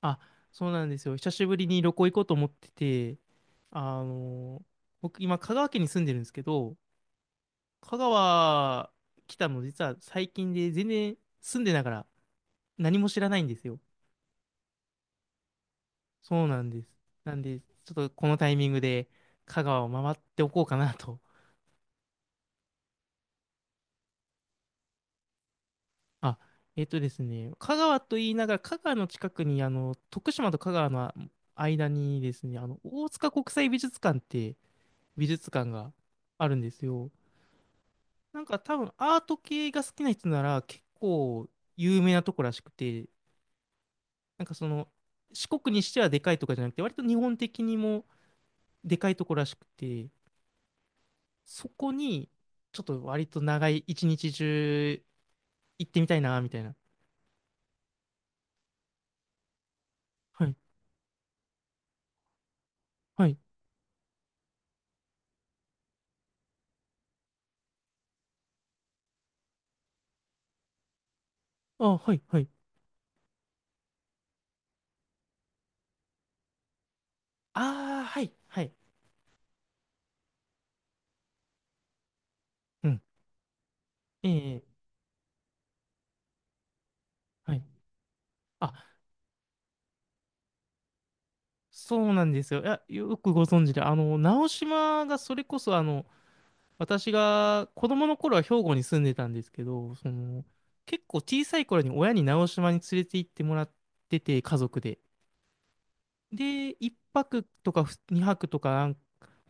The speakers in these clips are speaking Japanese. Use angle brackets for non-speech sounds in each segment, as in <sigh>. あ、そうなんですよ。久しぶりに旅行行こうと思ってて、あの、僕今香川県に住んでるんですけど、香川来たの実は最近で全然住んでながら何も知らないんですよ。そうなんです。なんで、ちょっとこのタイミングで香川を回っておこうかなと。あ、えっとですね、香川と言いながら香川の近くに徳島と香川の間にですね、大塚国際美術館って美術館があるんですよ。なんか多分アート系が好きな人なら結構有名なとこらしくて、なんかその四国にしてはでかいとかじゃなくて、割と日本的にもでかいとこらしくて、そこにちょっと割と長い一日中行ってみたいな、みたいな。はい、はい、あ、はい、はい。ああ、はい、はい。うん、ええ、はい。あ、そうなんですよ。いや、よくご存知で、直島がそれこそ私が子供の頃は兵庫に住んでたんですけど、その結構小さい頃に親に直島に連れて行ってもらってて、家族で。で、1泊とか2泊とか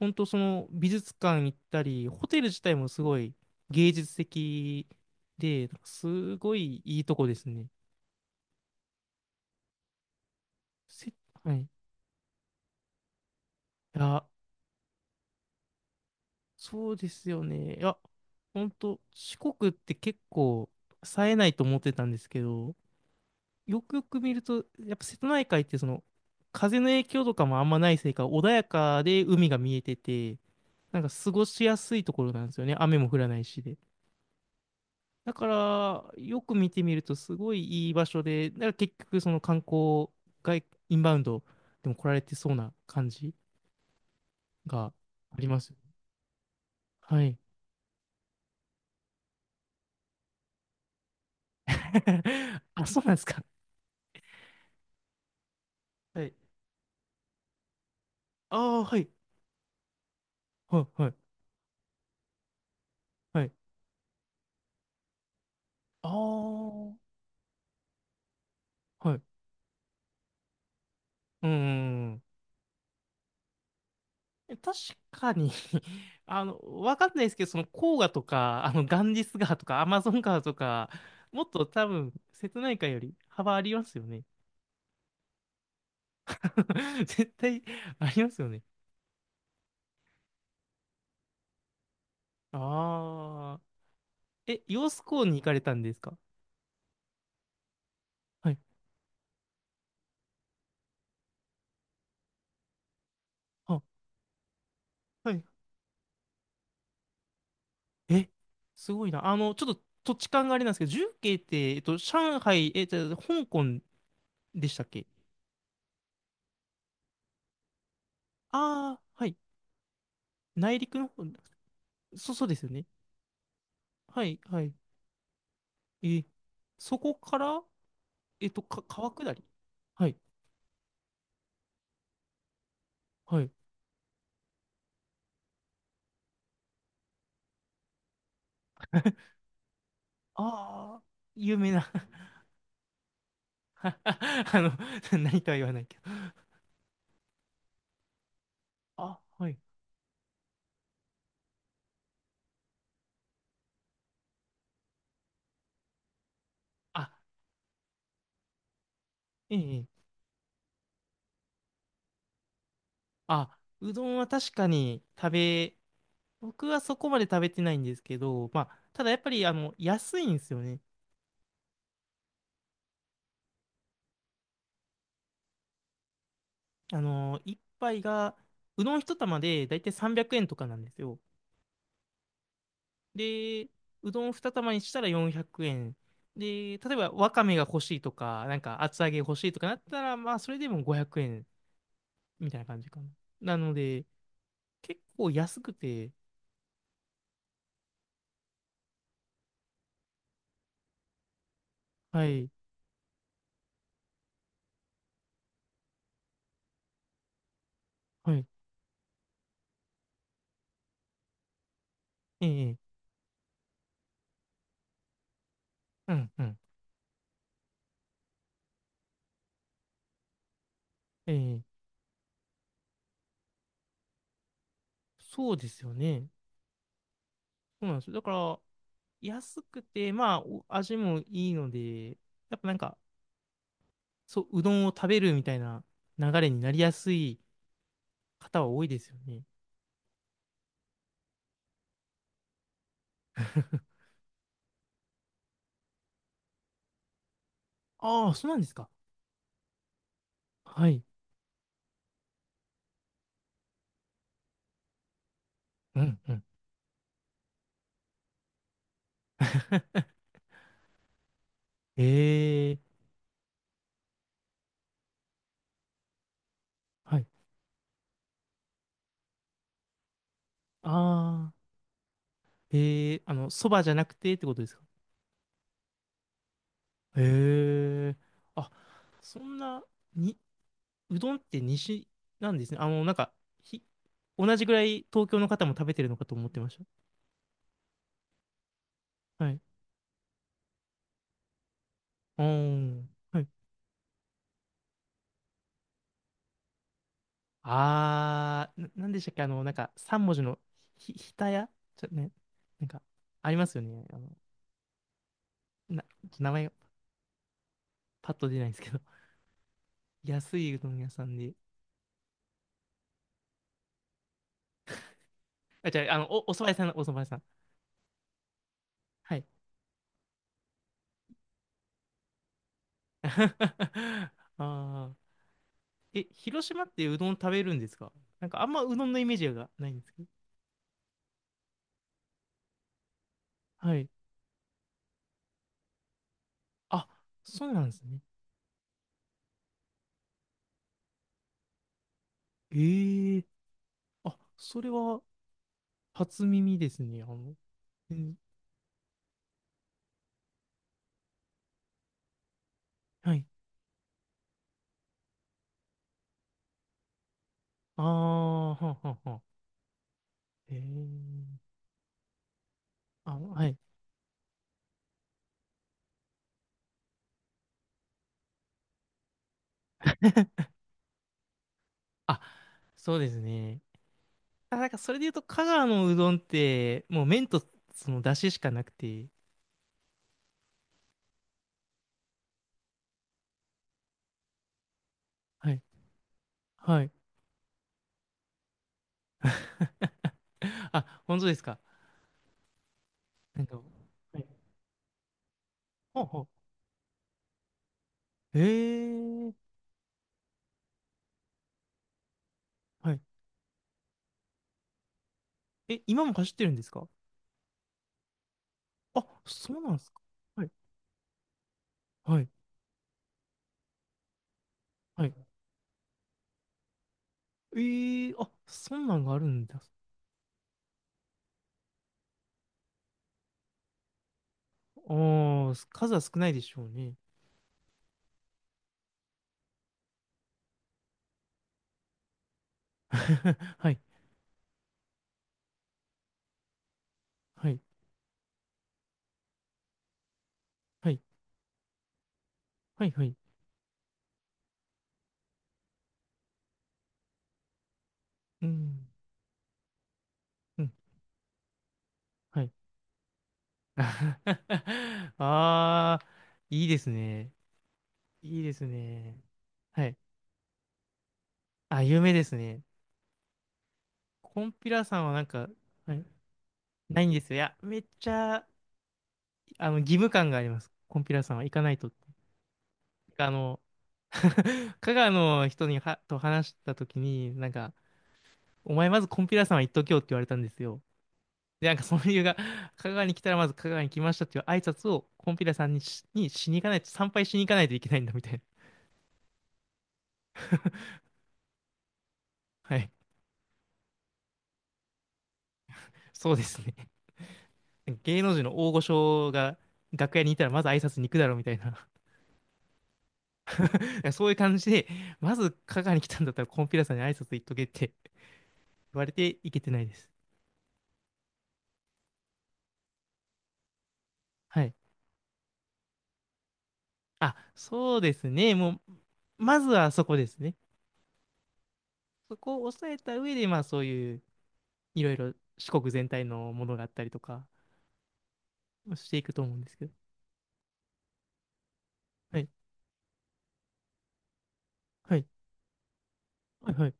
本当その美術館行ったり、ホテル自体もすごい芸術的で、なんかすごいいいとこですね。せ、はい。いや、そうですよね。いや、本当四国って結構冴えないと思ってたんですけど、よくよく見ると、やっぱ瀬戸内海ってその風の影響とかもあんまないせいか、穏やかで海が見えてて、なんか過ごしやすいところなんですよね。雨も降らないしで。だから、よく見てみるとすごいいい場所で、だから結局その観光インバウンドでも来られてそうな感じがあります。はい。<laughs> あ、そうなんですか。はい。ああ、はい。はい、はい、はい。ああ、はい。うんうんうん。確かに <laughs> わかんないですけど、その黄河とか、ガンジス川とか、アマゾン川とか、もっと多分、瀬戸内海より幅ありますよね。<laughs> 絶対ありますよね。ああ。え、揚子江に行かれたんですか？はい。あ、はい。え、すごいな。ちょっと土地勘があれなんですけど、重慶って、上海、え、じゃあ、香港でしたっけ？ああー、はい。内陸の方、そ、そうですよね。はい、はい。え、そこからか、川下り？はい、はい。ああ、有名な <laughs> あの、<laughs> 何とは言わないけど。あ、はい。あ、ええ、ええあ、うどんは確かに食べ、僕はそこまで食べてないんですけど、まあ、ただやっぱり、安いんですよね。一杯が、うどん一玉でだいたい300円とかなんですよ。で、うどん二玉にしたら400円。で、例えばわかめが欲しいとか、なんか厚揚げ欲しいとかなったら、まあ、それでも500円。みたいな感じかな。なので、結構安くて、はい、はい、ええ、うん、うん、ええ、そうですよね。そうなんですよ。だから、安くて、まあ、お味もいいので、やっぱなんか、そう、うどんを食べるみたいな流れになりやすい方は多いですよね。ああ、そうなんですか。はい。うん、うん。<laughs> ええ、はい。ああ、ええ、そばじゃなくてってことですか？へえ、あ、そんな、に、うどんって西なんですね。ひ、同じぐらい東京の方も食べてるのかと思ってました。はい。うーん。はい。あー、なんでしたっけ？三文字のひたやちょ、ね、なんか、ありますよね。な、名前がパッと出ないんですけど。<laughs> 安いうどん屋さんで。あ、じゃあ、お蕎麦屋さん、お蕎麦屋さん。はい。<laughs> あー。え、広島ってうどん食べるんですか？なんか、あんまうどんのイメージがないんですけど。はい。あ、そうなんですね。ええあ、それは初耳ですね。えーはい。ああ、はんはんはん。ええあ、はい。あ、そうですね。あ、なんかそれで言うと、香川のうどんって、もう麺とその出汁しかなくて、はい。はい。<laughs> あ、本当ですか？なんか、はいはあはん。ええはい。え、今も走ってるんですか？あ、そうなんですか。はい。はい。はい。ええあ、そんなんがあるんだ。おー、数は少ないでしょうね。<laughs> はい、はい、はい、はい、はい。うん、うん、はい。<laughs> あー、いいですね。いいですね。はい。あ、有名ですね。コンピラさんはなんか、はい、ないんですよ。いや、めっちゃ、義務感があります。コンピラさんは行かないとって。あの、<laughs> 香川の人にはと話したときに、なんか、お前まずコンピラさんは行っとけよって言われたんですよ。で、なんかその理由が、香川に来たらまず香川に来ましたっていう挨拶をコンピラさんにしに行かないと、参拝しに行かないといけないんだみたいな。<laughs> はい。そうですね。芸能人の大御所が楽屋にいたらまず挨拶に行くだろうみたいな。<laughs> だからそういう感じで、まず香川に来たんだったらコンピラさんに挨拶行っとけって言われて行けてないです。はい。あ、そうですね。もう、まずはそこですね。そこを抑えた上で、まあそういう、いろいろ四国全体のものがあったりとか、していくと思うんですけど。はい。はいはいはい。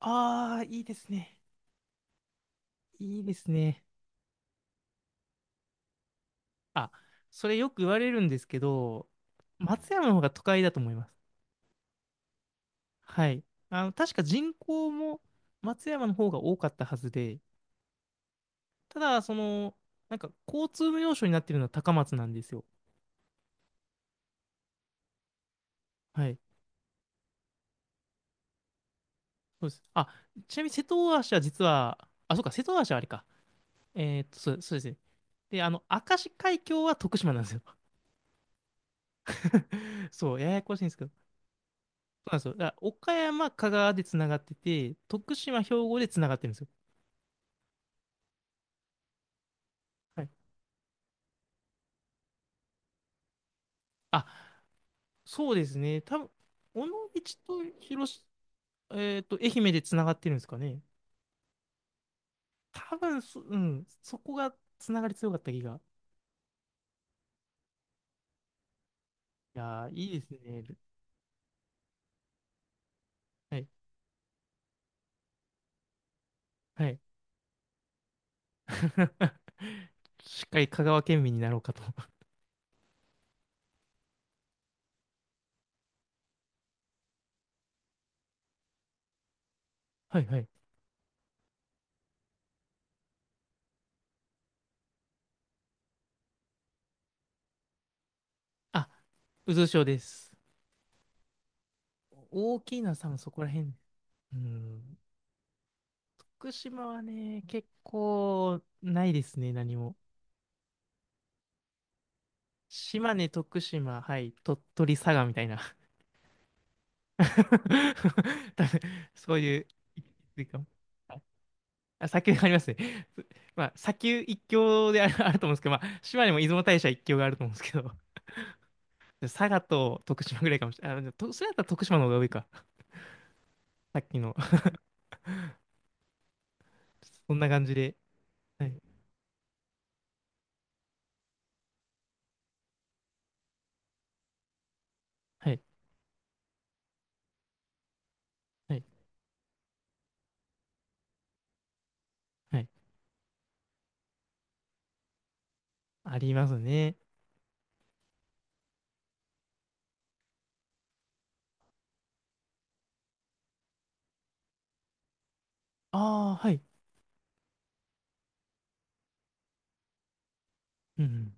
ああ、いいですね。いいですね。あ、それよく言われるんですけど、松山の方が都会だと思います。はい。確か人口も松山の方が多かったはずで、ただ、その、なんか交通の要所になってるのは高松なんですよ。はい。そうです。あ、ちなみに瀬戸大橋は実は、あ、そうか、瀬戸大橋はあれか。そうですね。で、明石海峡は徳島なんですよ。<laughs> そう、ややこしいんですけど。そうなんですよ。だから岡山、香川でつながってて、徳島、兵庫でつながってるんですよ。はい。あ、そうですね。多分、尾道と広し、えっと、愛媛でつながってるんですかね。多分そ、うん、そこがつながり強かった気が。いやー、いいですね。はい。はい。<laughs> しっかり香川県民になろうかと。<laughs> はいはい。あ、渦潮です。大きいなさん、そこら辺。うん。福島はね、結構ないですね、何も。島根、徳島、はい、鳥取、佐賀みたいな。<laughs> 多分そういう、いいかもあ、砂丘がありますね。<laughs> まあ、砂丘一強である、あると思うんですけど、まあ、島根も出雲大社一強があると思うんですけど、佐賀と徳島ぐらいかもしれない。あ、でもとそれだったら徳島の方が多いか。さっきの。<laughs> そんな感じで。はい、はい、はい、はい。ありますね。ああ、はい。うん。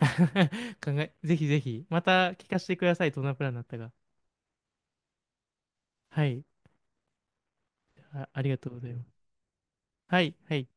<laughs> 考え、ぜひぜひ、また聞かせてください。どんなプランだったか。はい。あ、ありがとうございます。はい、はい。